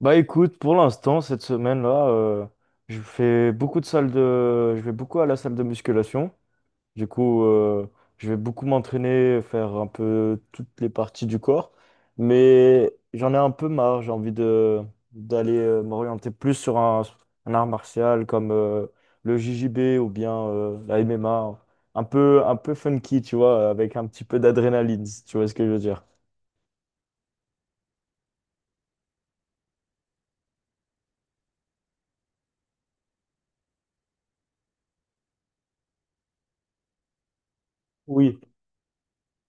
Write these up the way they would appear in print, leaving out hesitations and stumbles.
Bah écoute, pour l'instant, cette semaine-là, Je vais beaucoup à la salle de musculation. Du coup, je vais beaucoup m'entraîner, faire un peu toutes les parties du corps. Mais j'en ai un peu marre. J'ai envie de d'aller m'orienter plus sur un art martial comme le JJB ou bien la MMA. Un peu funky, tu vois, avec un petit peu d'adrénaline, si tu vois ce que je veux dire. Oui.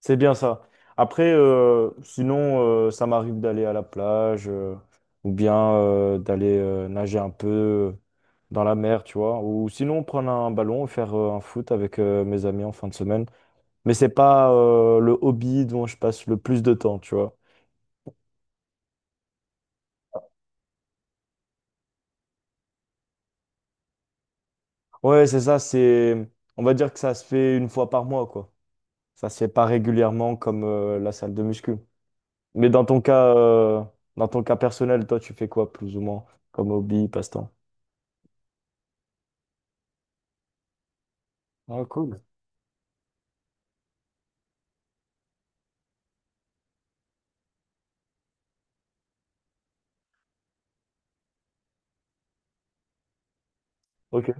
C'est bien ça. Après, sinon, ça m'arrive d'aller à la plage ou bien d'aller nager un peu dans la mer, tu vois. Ou sinon, prendre un ballon et faire un foot avec mes amis en fin de semaine. Mais c'est pas le hobby dont je passe le plus de temps, tu vois. Ouais, c'est ça, On va dire que ça se fait une fois par mois, quoi. Ça se fait pas régulièrement comme la salle de muscu. Mais dans ton cas personnel, toi, tu fais quoi plus ou moins comme hobby, passe-temps? Ah, cool. Ok,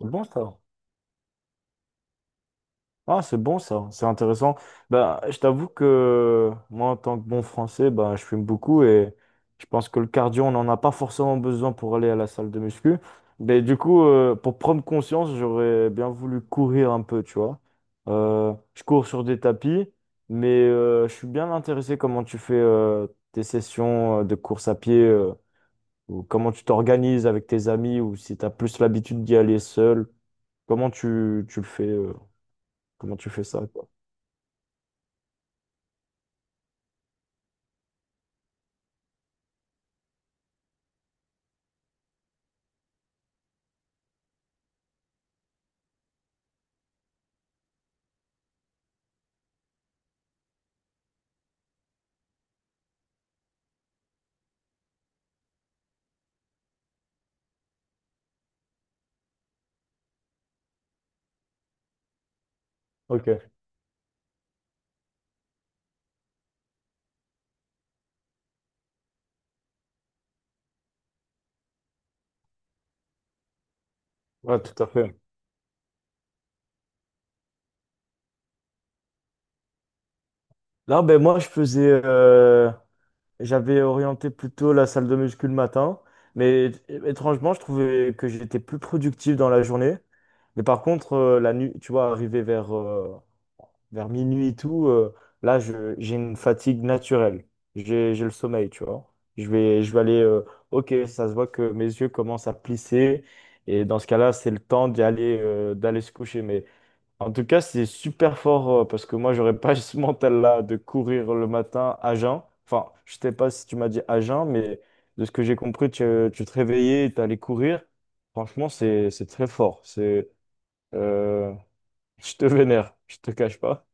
c'est bon ça. Ah, c'est bon ça, c'est intéressant. Ben, je t'avoue que moi, en tant que bon français, ben, je fume beaucoup et je pense que le cardio, on n'en a pas forcément besoin pour aller à la salle de muscu. Mais du coup, pour prendre conscience, j'aurais bien voulu courir un peu, tu vois. Je cours sur des tapis, mais je suis bien intéressé comment tu fais tes sessions de course à pied ou comment tu t'organises avec tes amis ou si tu as plus l'habitude d'y aller seul. Comment tu le fais? Comment tu fais ça, quoi? Ok, ouais, tout à fait. Là, ben moi, j'avais orienté plutôt la salle de muscu le matin, mais étrangement, je trouvais que j'étais plus productif dans la journée. Mais par contre, la nuit, tu vois, arrivé vers minuit et tout, là, j'ai une fatigue naturelle. J'ai le sommeil, tu vois. Je vais aller, ok, ça se voit que mes yeux commencent à plisser. Et dans ce cas-là, c'est le temps d'y aller, d'aller se coucher. Mais en tout cas, c'est super fort parce que moi, j'aurais pas ce mental-là de courir le matin à jeun. Enfin, je sais pas si tu m'as dit à jeun, mais de ce que j'ai compris, tu te réveillais, tu allais courir. Franchement, c'est très fort. C'est euh, je te vénère, je te cache pas.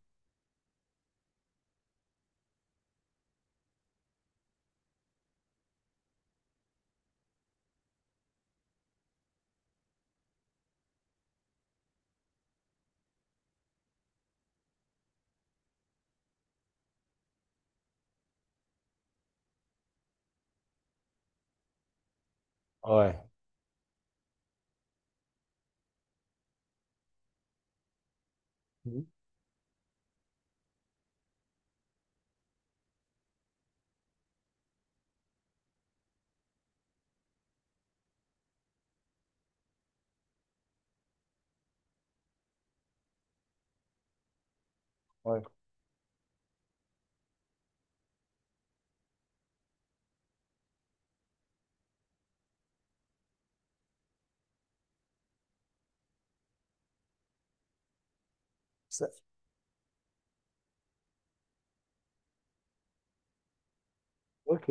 Ouais. Mhm. Ouais. Ça- Ok.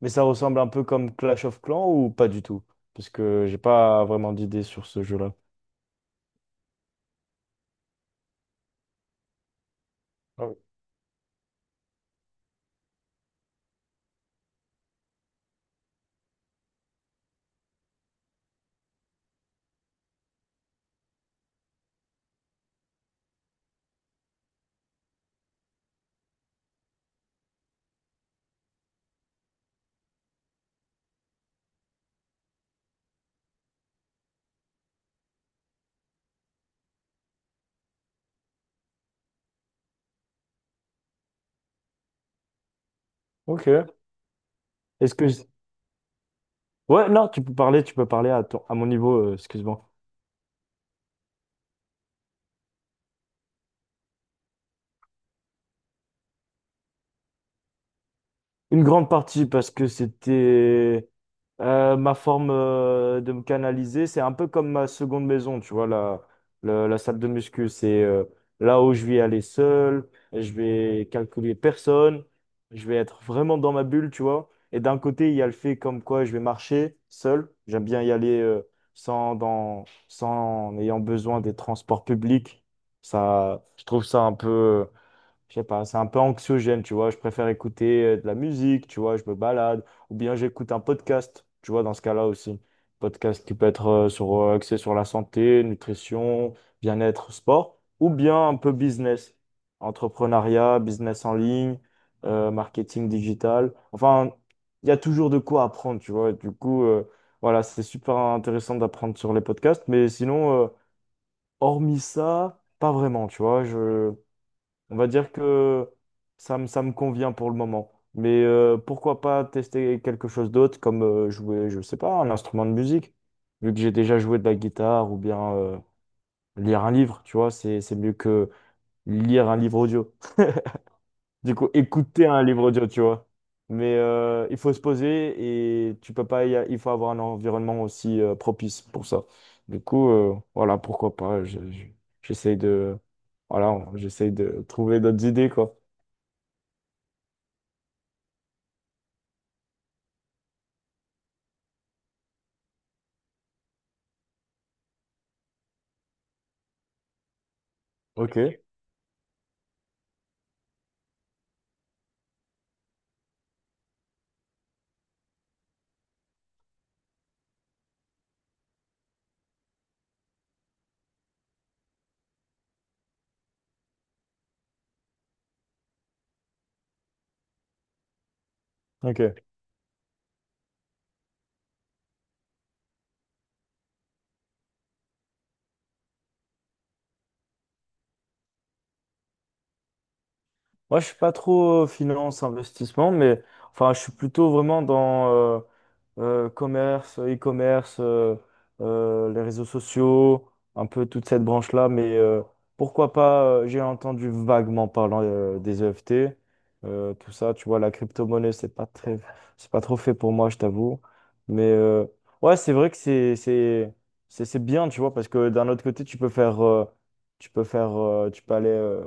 Mais ça ressemble un peu comme Clash of Clans ou pas du tout? Parce que j'ai pas vraiment d'idée sur ce jeu-là. Ah oui. Ok. Est-ce que... Ouais, non, tu peux parler à mon niveau, excuse-moi. Une grande partie parce que c'était ma forme de me canaliser. C'est un peu comme ma seconde maison, tu vois, la salle de muscu. C'est là où je vais aller seul, je vais calculer personne, je vais être vraiment dans ma bulle, tu vois. Et d'un côté, il y a le fait comme quoi je vais marcher seul. J'aime bien y aller sans en ayant besoin des transports publics. Ça, je trouve ça un peu je sais pas, c'est un peu anxiogène, tu vois. Je préfère écouter de la musique, tu vois, je me balade. Ou bien j'écoute un podcast, tu vois, dans ce cas-là aussi. Podcast qui peut être axé sur la santé, nutrition, bien-être, sport. Ou bien un peu business, entrepreneuriat, business en ligne, marketing digital. Enfin, il y a toujours de quoi apprendre, tu vois. Du coup, voilà, c'est super intéressant d'apprendre sur les podcasts. Mais sinon, hormis ça, pas vraiment, tu vois. On va dire que ça me convient pour le moment. Mais pourquoi pas tester quelque chose d'autre, comme jouer, je sais pas, un instrument de musique, vu que j'ai déjà joué de la guitare, ou bien lire un livre, tu vois, c'est mieux que lire un livre audio. Du coup, écouter un livre audio, tu vois. Mais il faut se poser et tu peux pas, il faut avoir un environnement aussi propice pour ça. Du coup, voilà, pourquoi pas. J'essaye de, voilà, j'essaye de trouver d'autres idées, quoi. Ok, ok. Moi, je suis pas trop finance, investissement, mais enfin, je suis plutôt vraiment dans, commerce, e-commerce, les réseaux sociaux, un peu toute cette branche-là. Mais pourquoi pas, j'ai entendu vaguement parlant des EFT, tout ça, tu vois, la crypto-monnaie, c'est pas trop fait pour moi, je t'avoue. Mais ouais, c'est vrai que c'est bien, tu vois, parce que d'un autre côté, tu peux aller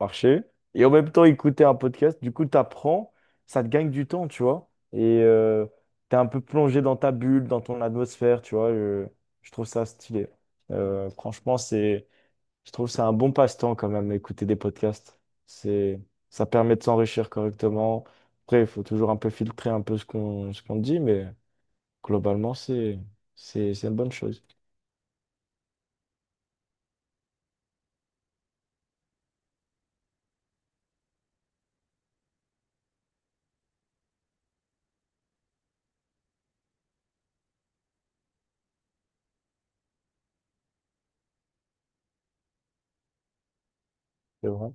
marcher et en même temps écouter un podcast. Du coup, tu apprends, ça te gagne du temps, tu vois. Et t'es un peu plongé dans ta bulle, dans ton atmosphère, tu vois. Je trouve ça stylé. Franchement, je trouve que c'est un bon passe-temps quand même, écouter des podcasts. C'est, ça permet de s'enrichir correctement. Après, il faut toujours un peu filtrer un peu ce qu'on dit, mais globalement, c'est une bonne chose. C'est vrai.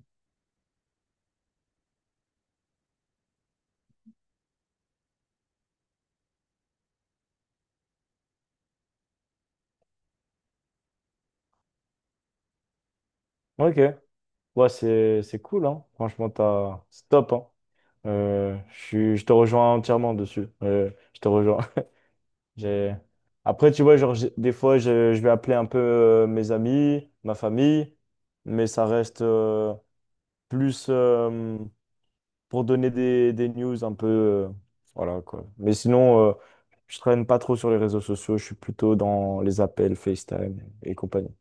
Ok. Ouais, c'est cool, hein. Franchement, c'est top, hein. Je te rejoins entièrement dessus. Je te rejoins. J'ai... Après, tu vois, genre, des fois, je vais appeler un peu mes amis, ma famille, mais ça reste plus pour donner des news un peu. Voilà, quoi. Mais sinon, je traîne pas trop sur les réseaux sociaux, je suis plutôt dans les appels, FaceTime et compagnie.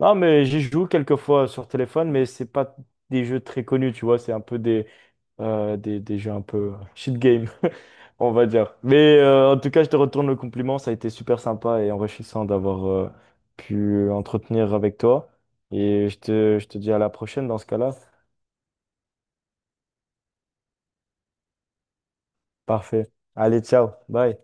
Non, mais j'y joue quelques fois sur téléphone, mais c'est pas des jeux très connus, tu vois, c'est un peu des. Des jeux un peu shit game, on va dire. Mais en tout cas, je te retourne le compliment. Ça a été super sympa et enrichissant d'avoir pu entretenir avec toi. Et je te dis à la prochaine dans ce cas-là. Parfait. Allez, ciao. Bye.